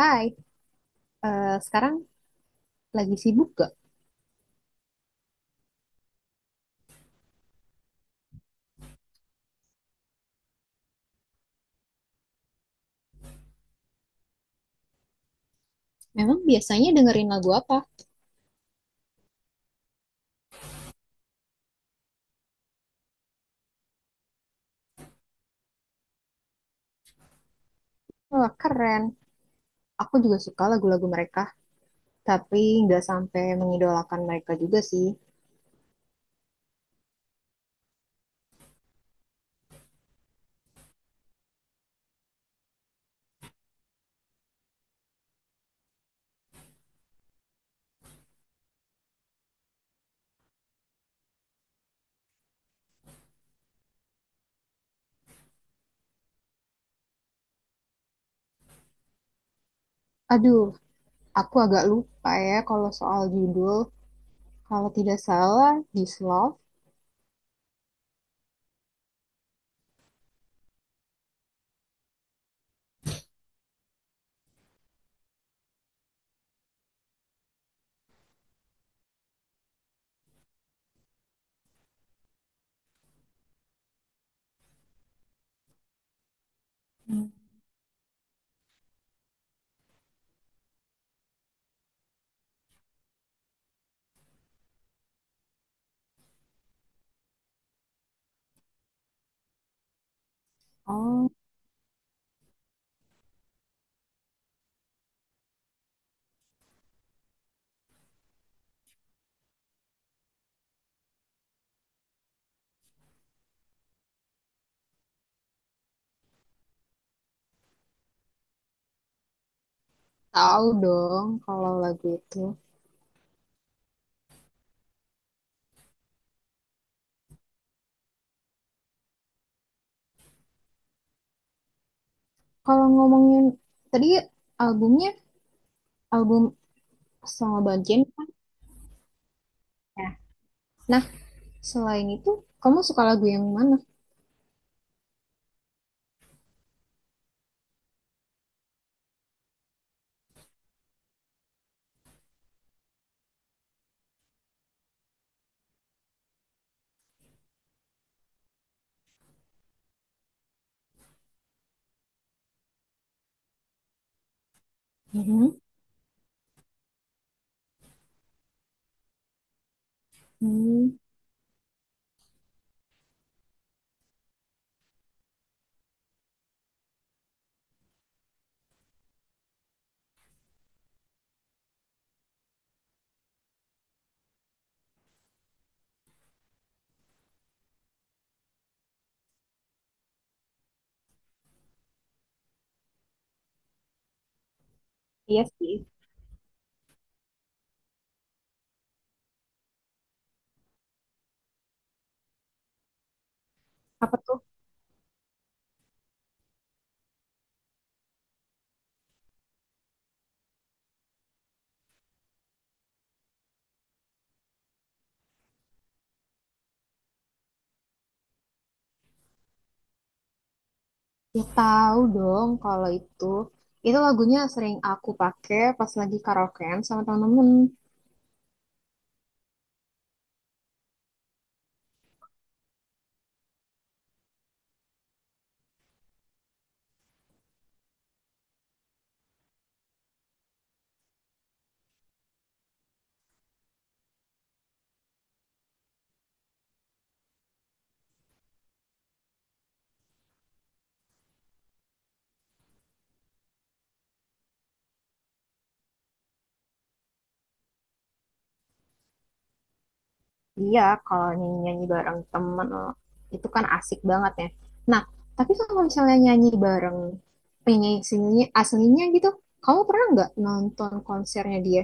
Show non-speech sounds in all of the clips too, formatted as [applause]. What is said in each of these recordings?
Hai, eh, sekarang lagi sibuk gak? Memang biasanya dengerin lagu apa? Wah, keren. Aku juga suka lagu-lagu mereka, tapi nggak sampai mengidolakan mereka juga sih. Aduh, aku agak lupa ya kalau soal judul. Kalau tidak salah, This Love. Hmm. Oh, tahu dong kalau lagu itu. Kalau ngomongin tadi albumnya, album sama Banjen kan ya. Nah, selain itu, kamu suka lagu yang mana? Mhm. Hmm, iya sih. Apa tuh? Ya tahu dong kalau itu. Itu lagunya sering aku pakai pas lagi karaokean sama temen-temen. Iya, kalau nyanyi-nyanyi bareng temen eh, itu kan asik banget ya. Nah, tapi kalau misalnya nyanyi bareng penyanyi sininya aslinya gitu, kamu pernah nggak nonton konsernya dia?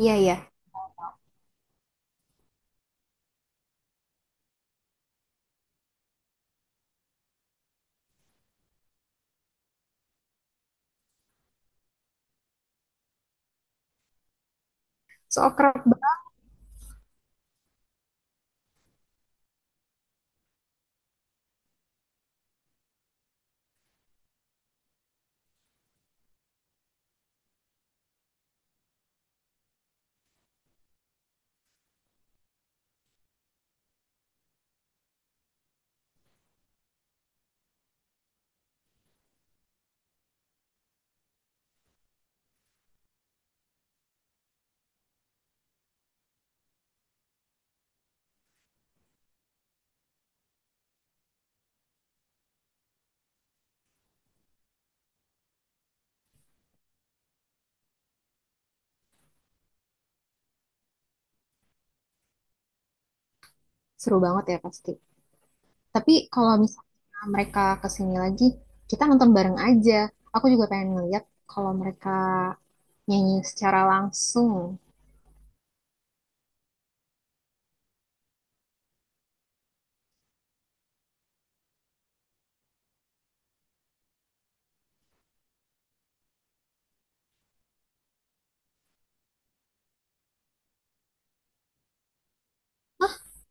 Iya, iya. So kerap banget, seru banget ya pasti. Tapi kalau misalnya mereka kesini lagi, kita nonton bareng aja. Aku juga pengen ngeliat kalau mereka nyanyi secara langsung.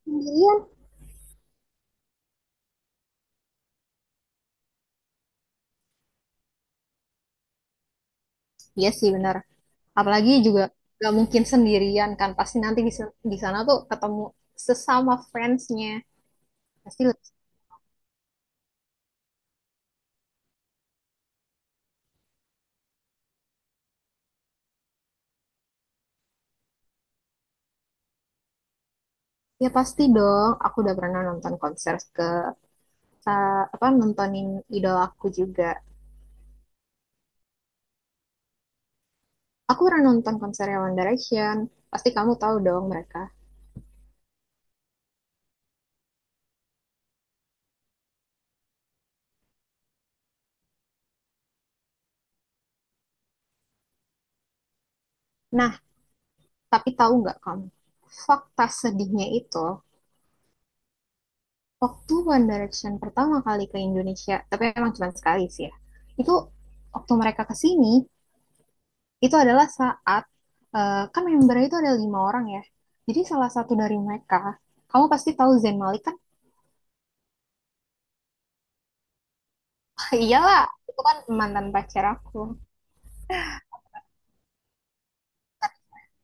Sendirian. Iya sih, benar. Apalagi juga gak mungkin sendirian kan, pasti nanti di sana tuh ketemu sesama fansnya, pasti. Ya pasti dong, aku udah pernah nonton konser apa nontonin idola aku juga. Aku pernah nonton konser One Direction, pasti kamu tahu dong mereka. Nah, tapi tahu nggak kamu fakta sedihnya itu? Waktu One Direction pertama kali ke Indonesia, tapi emang cuma sekali sih ya. Itu waktu mereka ke sini, itu adalah saat eh, kan membernya itu ada lima orang ya. Jadi salah satu dari mereka, kamu pasti tahu Zayn Malik kan? [laughs] Iyalah, itu kan mantan pacar aku.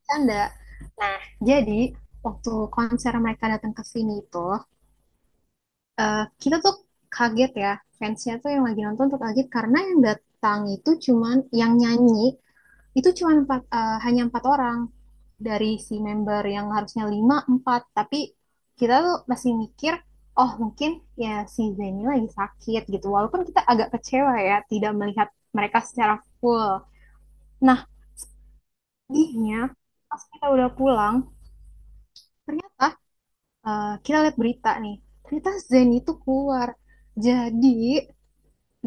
Canda. Nah, jadi waktu konser mereka datang ke sini itu, eh, kita tuh kaget ya. Fansnya tuh yang lagi nonton tuh kaget karena yang datang itu cuman yang nyanyi itu cuma empat eh, hanya empat orang dari si member yang harusnya lima empat. Tapi kita tuh masih mikir, oh mungkin ya si Zeni lagi sakit gitu, walaupun kita agak kecewa ya tidak melihat mereka secara full. Nah, paginya pas kita udah pulang, ternyata eh, kita lihat berita nih, ternyata Zeni itu keluar. Jadi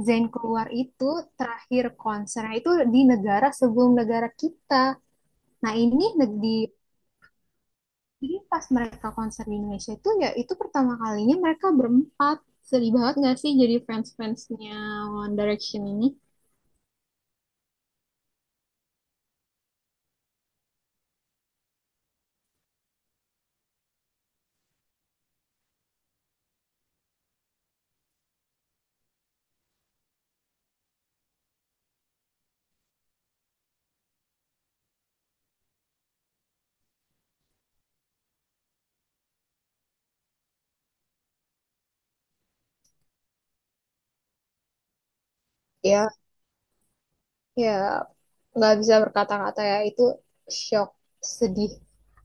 Zayn keluar itu terakhir konsernya itu di negara sebelum negara kita. Nah, ini di jadi pas mereka konser di Indonesia itu ya itu pertama kalinya mereka berempat. Sedih banget gak sih jadi fans-fansnya One Direction ini? Ya, ya, nggak bisa berkata-kata ya itu, shock, sedih,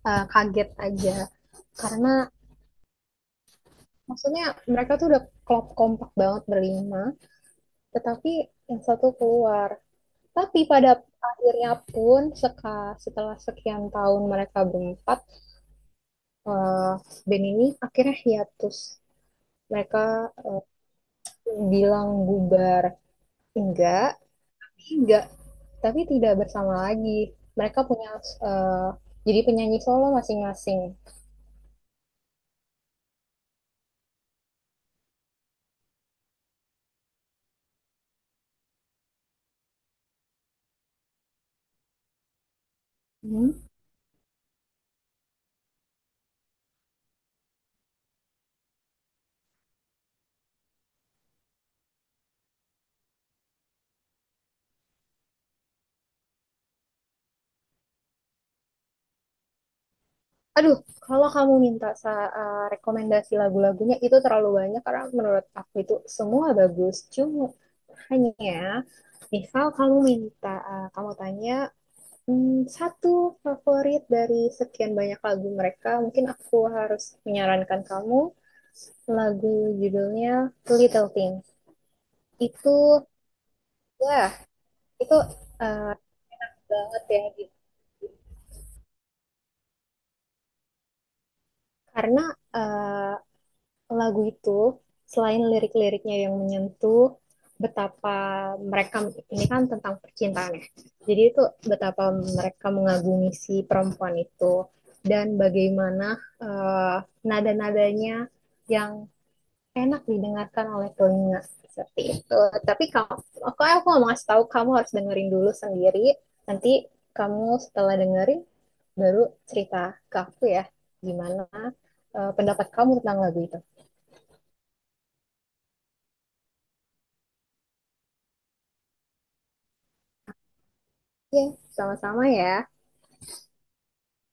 eh, kaget aja. Karena maksudnya mereka tuh udah klop kompak banget berlima, tetapi yang satu keluar. Tapi pada akhirnya pun setelah sekian tahun mereka berempat, eh, band ini akhirnya hiatus. Mereka bilang bubar, enggak enggak, tapi tidak bersama lagi. Mereka punya eh, jadi penyanyi solo masing-masing. Hmm. Aduh, kalau kamu minta eh, rekomendasi lagu-lagunya itu terlalu banyak karena menurut aku itu semua bagus, cuma hanya misal kamu minta eh, kamu tanya satu favorit dari sekian banyak lagu mereka, mungkin aku harus menyarankan kamu lagu, judulnya Little Thing. Itu, wah, itu eh, banget ya gitu. Karena eh, lagu itu selain lirik-liriknya yang menyentuh, betapa mereka, ini kan tentang percintaan ya. Jadi itu betapa mereka mengagumi si perempuan itu, dan bagaimana eh, nada-nadanya yang enak didengarkan oleh telinga seperti itu. Tapi kalau aku mau ngasih tahu, kamu harus dengerin dulu sendiri. Nanti kamu setelah dengerin baru cerita ke aku ya, gimana eh, pendapat kamu tentang lagu itu. Ya, yeah, sama-sama ya.